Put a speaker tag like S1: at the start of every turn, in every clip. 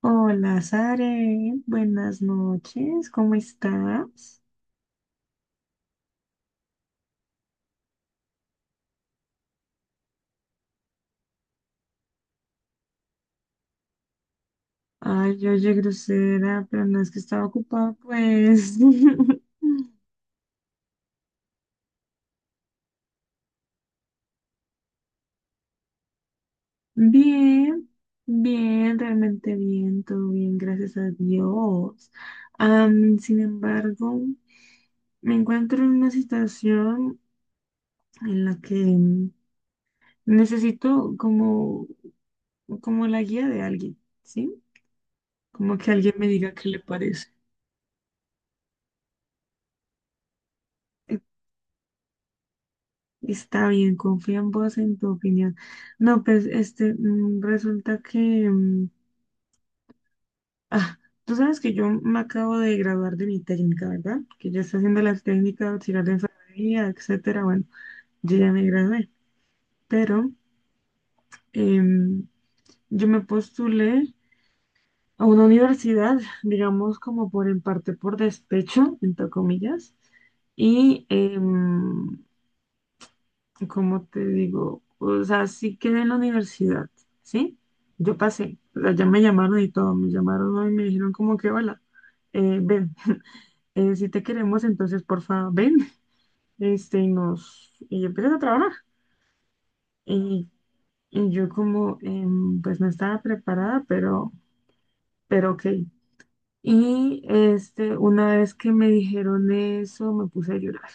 S1: Hola, Sare. Buenas noches. ¿Cómo estás? Ay, yo oye, grosera, pero no es que estaba ocupada, pues. Bien, bien, realmente bien, todo bien, gracias a Dios. Sin embargo, me encuentro en una situación en la que necesito como, como la guía de alguien, ¿sí? Como que alguien me diga qué le parece. Está bien, confío en vos, en tu opinión. No, pues, resulta que, ah, tú sabes que yo me acabo de graduar de mi técnica, ¿verdad? Que ya está haciendo las técnicas de auxiliar de enfermería, etcétera. Bueno, yo ya me gradué, pero em, yo me postulé a una universidad, digamos, como por en parte por despecho, entre comillas, y como te digo, o sea, sí quedé en la universidad, ¿sí? Yo pasé, o sea, ya me llamaron y todo, me llamaron, ¿no? Y me dijeron como que, hola, ven, si te queremos, entonces, porfa, ven, y empiezas a trabajar. Y, y yo como, pues no estaba preparada, pero ok. Y este, una vez que me dijeron eso, me puse a llorar.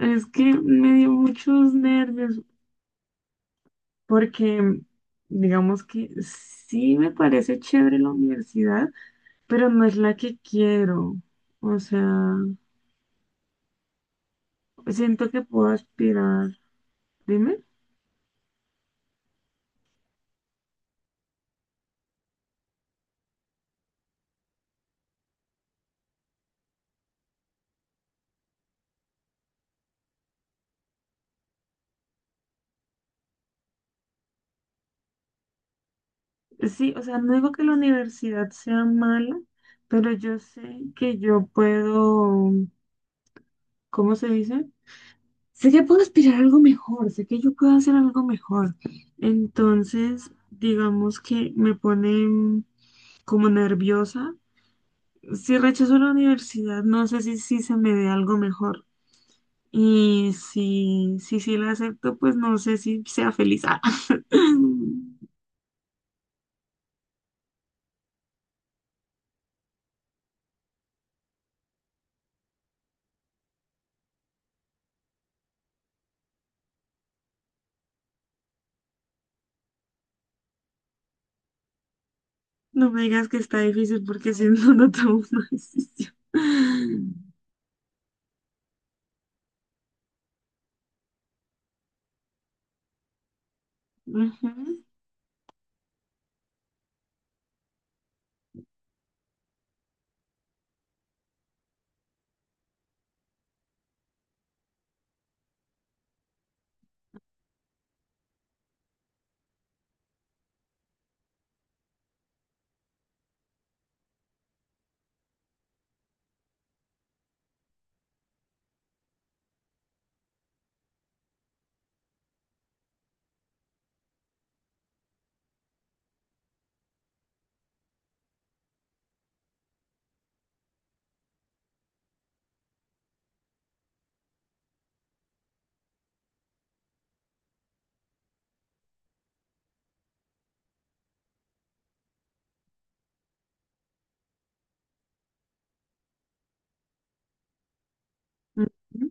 S1: Es que me dio muchos nervios, porque digamos que sí me parece chévere la universidad, pero no es la que quiero. O sea, siento que puedo aspirar. Dime. Sí, o sea, no digo que la universidad sea mala, pero yo sé que yo puedo, ¿cómo se dice? Sé que puedo aspirar a algo mejor, sé que yo puedo hacer algo mejor. Entonces, digamos que me pone como nerviosa. Si rechazo la universidad, no sé si, si se me dé algo mejor. Y si, si, sí la acepto, pues no sé si sea feliz. Ah. No me digas que está difícil porque si no, no tomo una decisión. Ujú, ujú,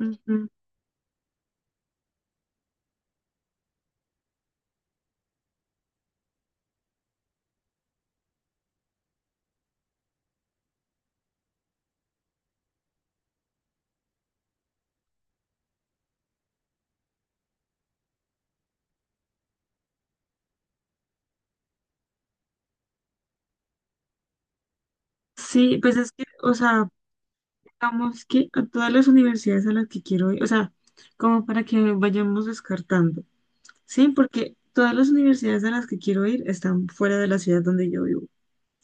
S1: ujú. Sí, pues es que, o sea, digamos que a todas las universidades a las que quiero ir, o sea, como para que vayamos descartando, ¿sí? Porque todas las universidades a las que quiero ir están fuera de la ciudad donde yo vivo,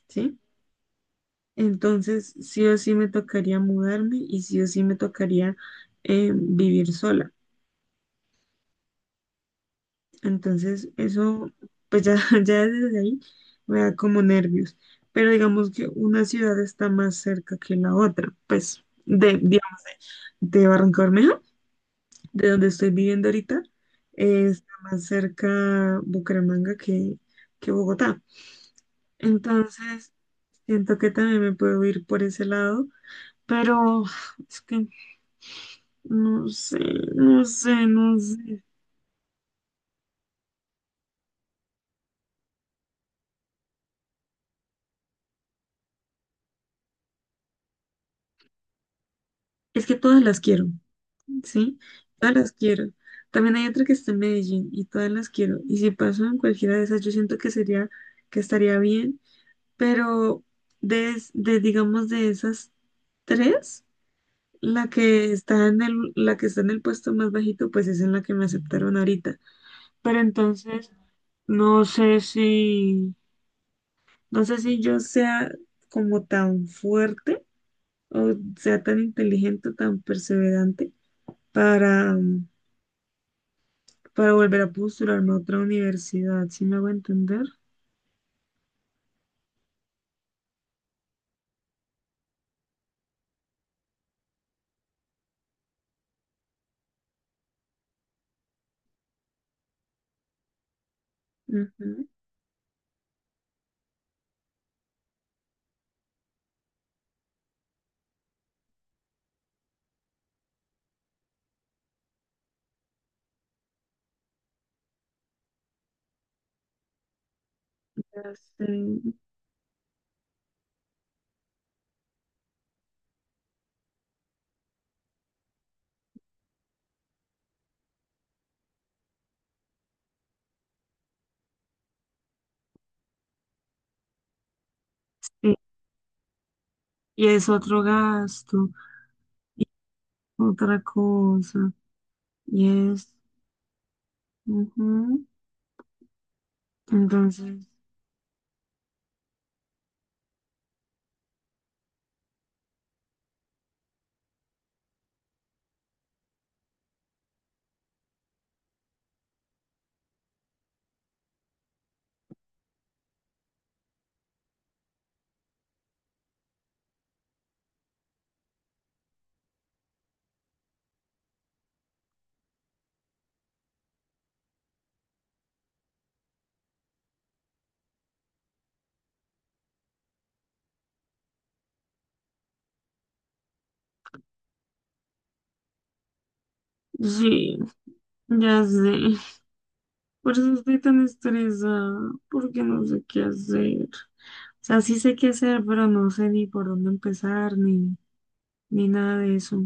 S1: ¿sí? Entonces, sí o sí me tocaría mudarme y sí o sí me tocaría vivir sola. Entonces, eso, pues ya, ya desde ahí me da como nervios. Pero digamos que una ciudad está más cerca que la otra. Pues de Barranca Bermeja, de donde estoy viviendo ahorita, está más cerca Bucaramanga que Bogotá. Entonces, siento que también me puedo ir por ese lado, pero... es que no sé, no sé, no sé. Es que todas las quiero, ¿sí? Todas las quiero. También hay otra que está en Medellín y todas las quiero. Y si paso en cualquiera de esas, yo siento que sería, que estaría bien. Pero de digamos, de esas tres, la que está la que está en el puesto más bajito, pues es en la que me aceptaron ahorita. Pero entonces, no sé si, no sé si yo sea como tan fuerte o sea tan inteligente, tan perseverante para, para volver a postularme a otra universidad, ¿si me hago entender? Ujú. Ya sé. Y y es otro gasto, y otra cosa, y es... ujú. Entonces, sí, ya sé. Por eso estoy tan estresada, porque no sé qué hacer. O sea, sí sé qué hacer, pero no sé ni por dónde empezar, ni, ni nada de eso.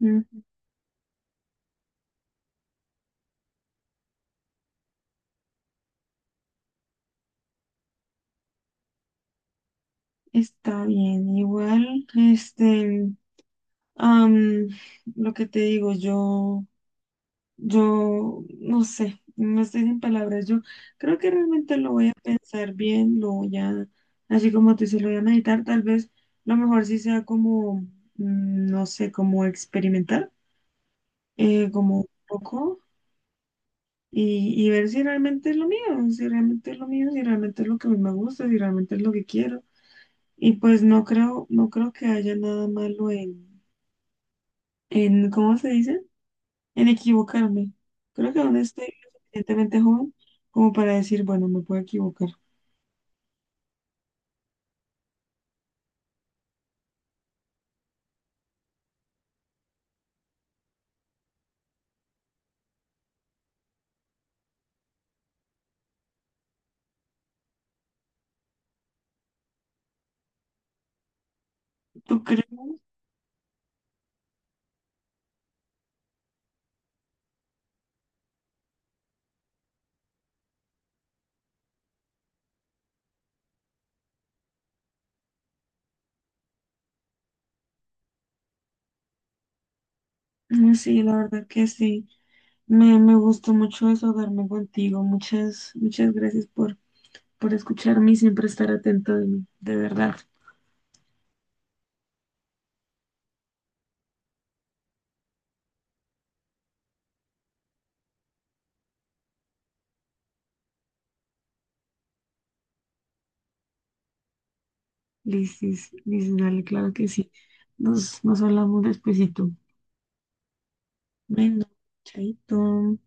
S1: Ok. Está bien, igual, am, lo que te digo, yo, no sé, no estoy sin palabras, yo creo que realmente lo voy a pensar bien, lo voy a, así como tú dices, lo voy a meditar, tal vez lo mejor sí sea como, no sé, como experimentar, como un poco, y ver si realmente es lo mío, si realmente es lo mío, si realmente es lo que a mí me gusta, si realmente es lo que quiero, y pues no creo, no creo que haya nada malo en, ¿cómo se dice? En equivocarme. Creo que aún estoy lo suficientemente joven como para decir, bueno, me puedo equivocar. ¿Tú crees? Mm, sí, la verdad que sí. Me gustó mucho desahogarme contigo. Muchas, muchas gracias por escucharme y siempre estar atento de mí. De verdad. Lisis, Lisis, dale, claro que sí. Nos, nos hablamos despuesito. Bueno, chaito.